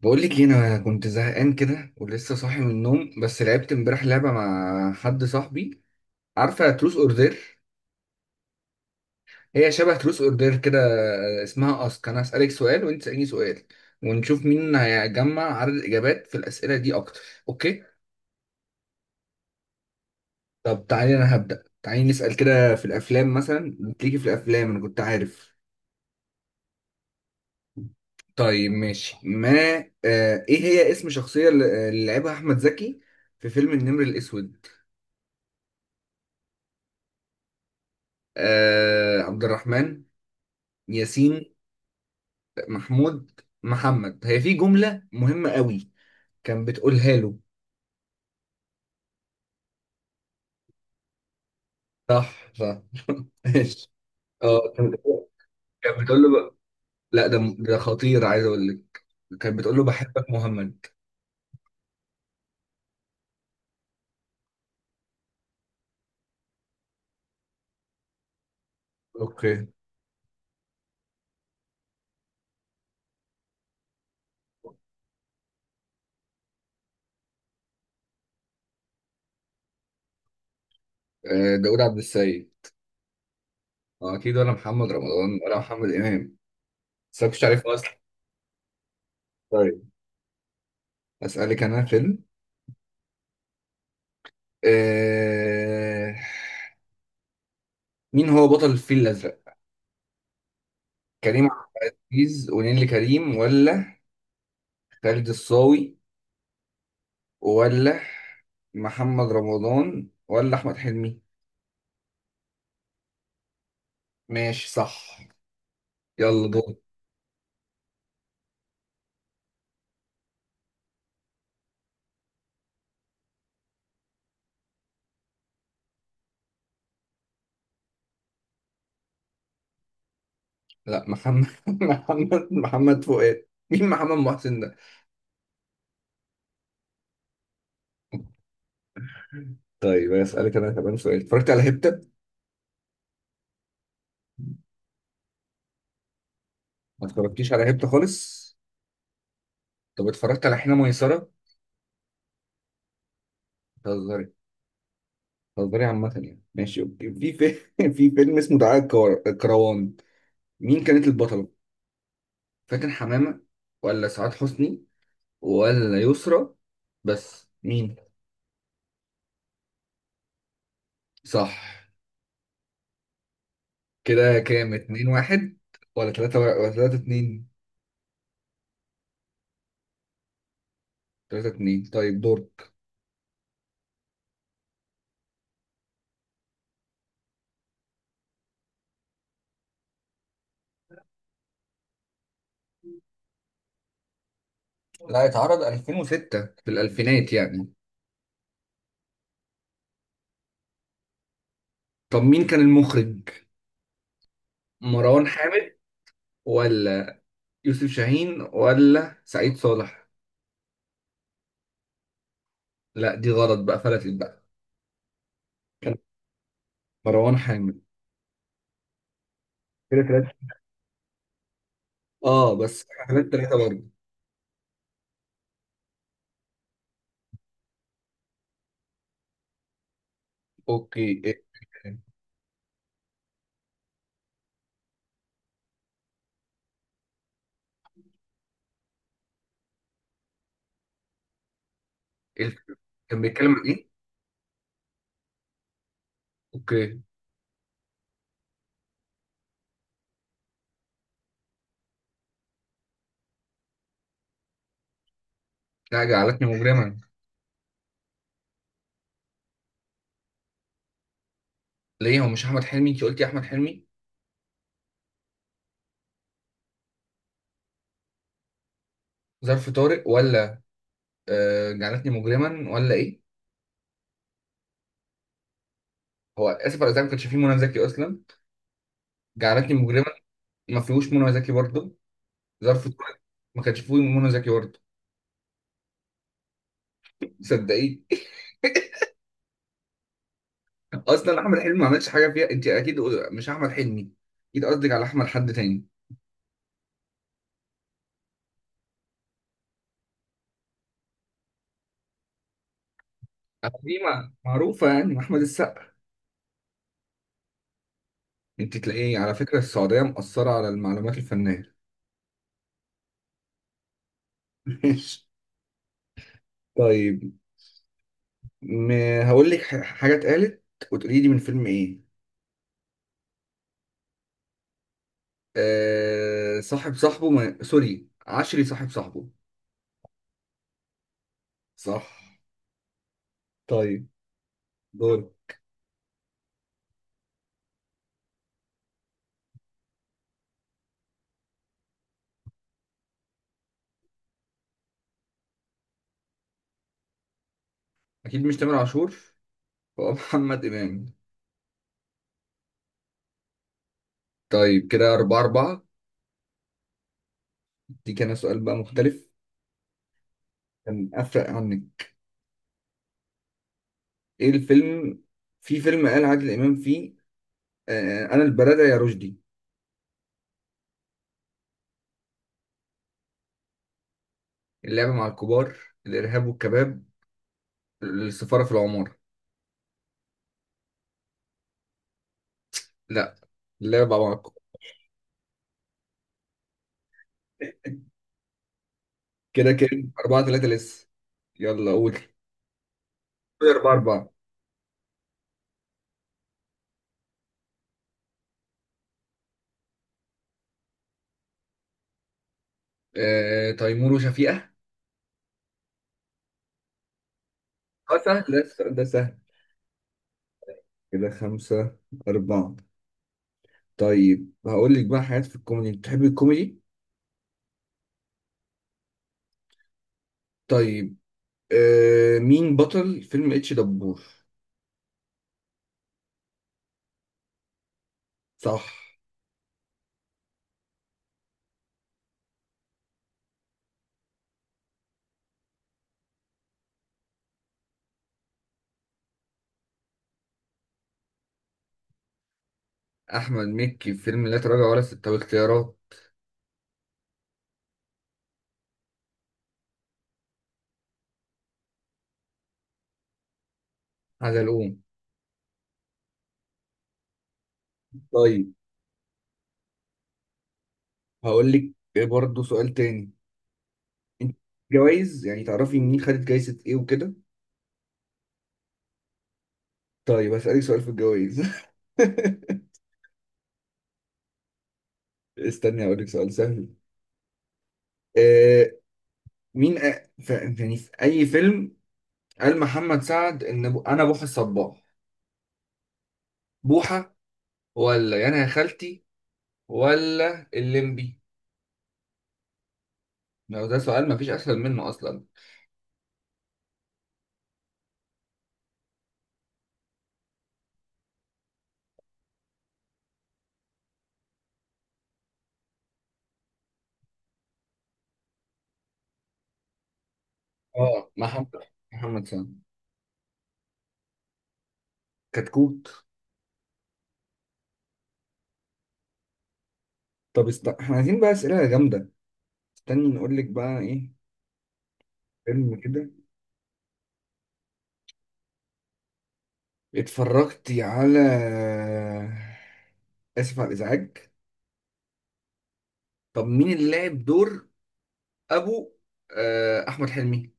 بقول لك إيه، انا كنت زهقان كده ولسه صاحي من النوم، بس لعبت امبارح لعبه مع حد صاحبي. عارفه تروس اوردر؟ هي شبه تروس اوردر كده. اسمها اسك، انا هسالك سؤال وانت تساليني سؤال. ونشوف مين هيجمع عدد الاجابات في الاسئله دي اكتر. اوكي. طب تعالي، انا هبدا. تعالي نسال كده، في الافلام مثلا بتيجي في الافلام، انا كنت عارف. طيب ماشي. ما. ايه هي اسم شخصيه اللي اللي لعبها احمد زكي في فيلم النمر الاسود؟ عبد الرحمن ياسين، محمود محمد. هي في جملة مهمة قوي كان بتقولها له. صح صح. ماشي. اه، كان بتقول. كان بتقول له لا، ده ده خطير، عايز اقول لك. كان بتقول له بحبك مهمد. اوكي. داوود عبد السيد. آه، اكيد، ولا محمد رمضان، ولا محمد امام. بس أنا كنتش عارف اصلا. طيب اسالك انا فيلم. آه... مين هو بطل الفيل الازرق؟ كريم عبد العزيز ونيلي كريم، ولا خالد الصاوي، ولا محمد رمضان، ولا احمد حلمي؟ ماشي صح. يلا دور. لا، محمد محمد محمد فؤاد. مين محمد محسن ده؟ طيب اسالك انا كمان سؤال. اتفرجت على هبتة؟ ما اتفرجتيش على هبتة خالص؟ طب اتفرجت على حين ميسرة؟ بتهزري؟ بتهزري عامة يعني. ماشي اوكي. في في فيلم اسمه دعاء الكروان. مين كانت البطلة؟ فاتن حمامة، ولا سعاد حسني، ولا يسرا؟ بس مين؟ صح. كده كام؟ 2-1، ولا تلاتة، ولا 3-2؟ 3-2. طيب دور. لا، اتعرض 2006 في الألفينات يعني. طب مين كان المخرج؟ مروان حامد، ولا يوسف شاهين، ولا سعيد صالح؟ لا، دي غلط بقى، فلتت بقى. كان مروان حامد. كده تلاتة. اه بس احنا 3-3 برضه. اوكي. إيه- كان بيتكلم عن ايه؟ اوكي. لا، جعلتني مجرما. ليه؟ هو مش احمد حلمي؟ انت قلتي احمد حلمي. ظرف طارق، ولا جعلتني مجرما، ولا ايه؟ هو اسف على الازعاج؟ ما كانش فيه منى زكي اصلا. جعلتني مجرما، ما فيهوش منى زكي برضه. ظرف طارق، ما كانش فيه منى زكي برضه. صدقيني. اصلا احمد حلمي ما عملش حاجه فيها، انت اكيد مش احمد حلمي، اكيد قصدك على احمد حد تاني. دي معروفه يعني، احمد السقا. انت تلاقيه على فكره السعوديه مقصره على المعلومات الفنيه. ماشي. طيب ما هقول لك حاجه اتقالت، وتقولي لي من فيلم ايه. أه، صاحب صاحبه ما... سوري، عشري صاحب صاحبه. صح. طيب دور. اكيد مش تامر عاشور، هو محمد امام. طيب كده 4-4. دي كان سؤال بقى مختلف، كان أفرق عنك. إيه الفيلم؟ في فيلم قال عادل إمام فيه أنا البلدة يا رشدي. اللعبة مع الكبار، الإرهاب والكباب، السفارة في العمارة؟ لا، اللعبة مع الكبار. كده كام؟ 4-3 لسه. يلا قول. قول 4-4. تيمور وشفيقة. أه سهل ده، السؤال ده سهل. كده 5-4. طيب هقول لك بقى حاجات في الكوميدي، بتحبي الكوميدي؟ طيب. مين بطل فيلم اتش دبور؟ صح. احمد مكي في فيلم لا تراجع ولا استسلام، اختيارات. حزلقوم. طيب هقول لك برضه سؤال تاني. انت جوائز يعني، تعرفي مين خدت جايزة ايه وكده؟ طيب هسألك سؤال في الجوائز. استني هقول لك سؤال سهل. آه، مين يعني في اي فيلم قال محمد سعد ان انا بوحة الصباح؟ بوحة، ولا يا انا يا خالتي، ولا الليمبي؟ لو ده سؤال مفيش اسهل منه اصلا. اه محمد، محمد سامي. كتكوت. طب احنا عايزين بقى اسئله جامده. استني نقول لك بقى ايه. فيلم كده، اتفرجتي على اسف على الازعاج؟ طب مين اللي لعب دور ابو؟ احمد حلمي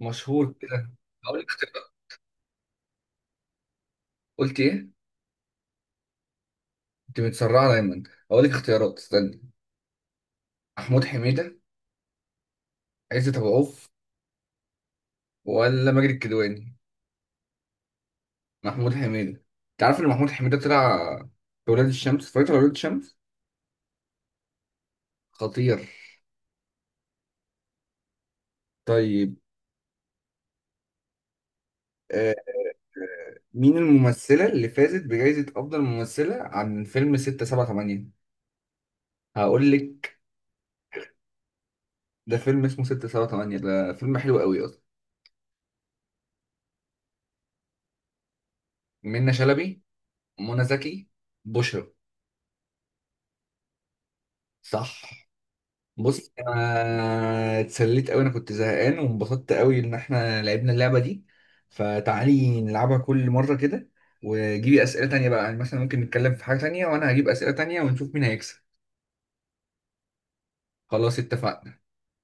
مشهور كده. هقول لك اختيارات. قلت ايه؟ انت متسرعه دايما. هقول لك اختيارات، استني. محمود حميده، عزت ابو عوف، ولا ماجد الكدواني؟ محمود حميده. انت عارف ان محمود حميده طلع في ولاد الشمس؟ اتفرجت على ولاد الشمس؟ خطير. طيب. آه، مين الممثلة اللي فازت بجائزة أفضل ممثلة عن فيلم 678؟ هقول لك. ده فيلم اسمه 678، ده فيلم حلو قوي أصلا. منة شلبي، منى زكي، بشرى؟ صح. بص، أنا اتسليت قوي، أنا كنت زهقان وانبسطت قوي إن إحنا لعبنا اللعبة دي. فتعالي نلعبها كل مرة كده. وجيبي أسئلة تانية بقى، يعني مثلا ممكن نتكلم في حاجة تانية وأنا هجيب أسئلة تانية ونشوف مين هيكسب. خلاص، اتفقنا.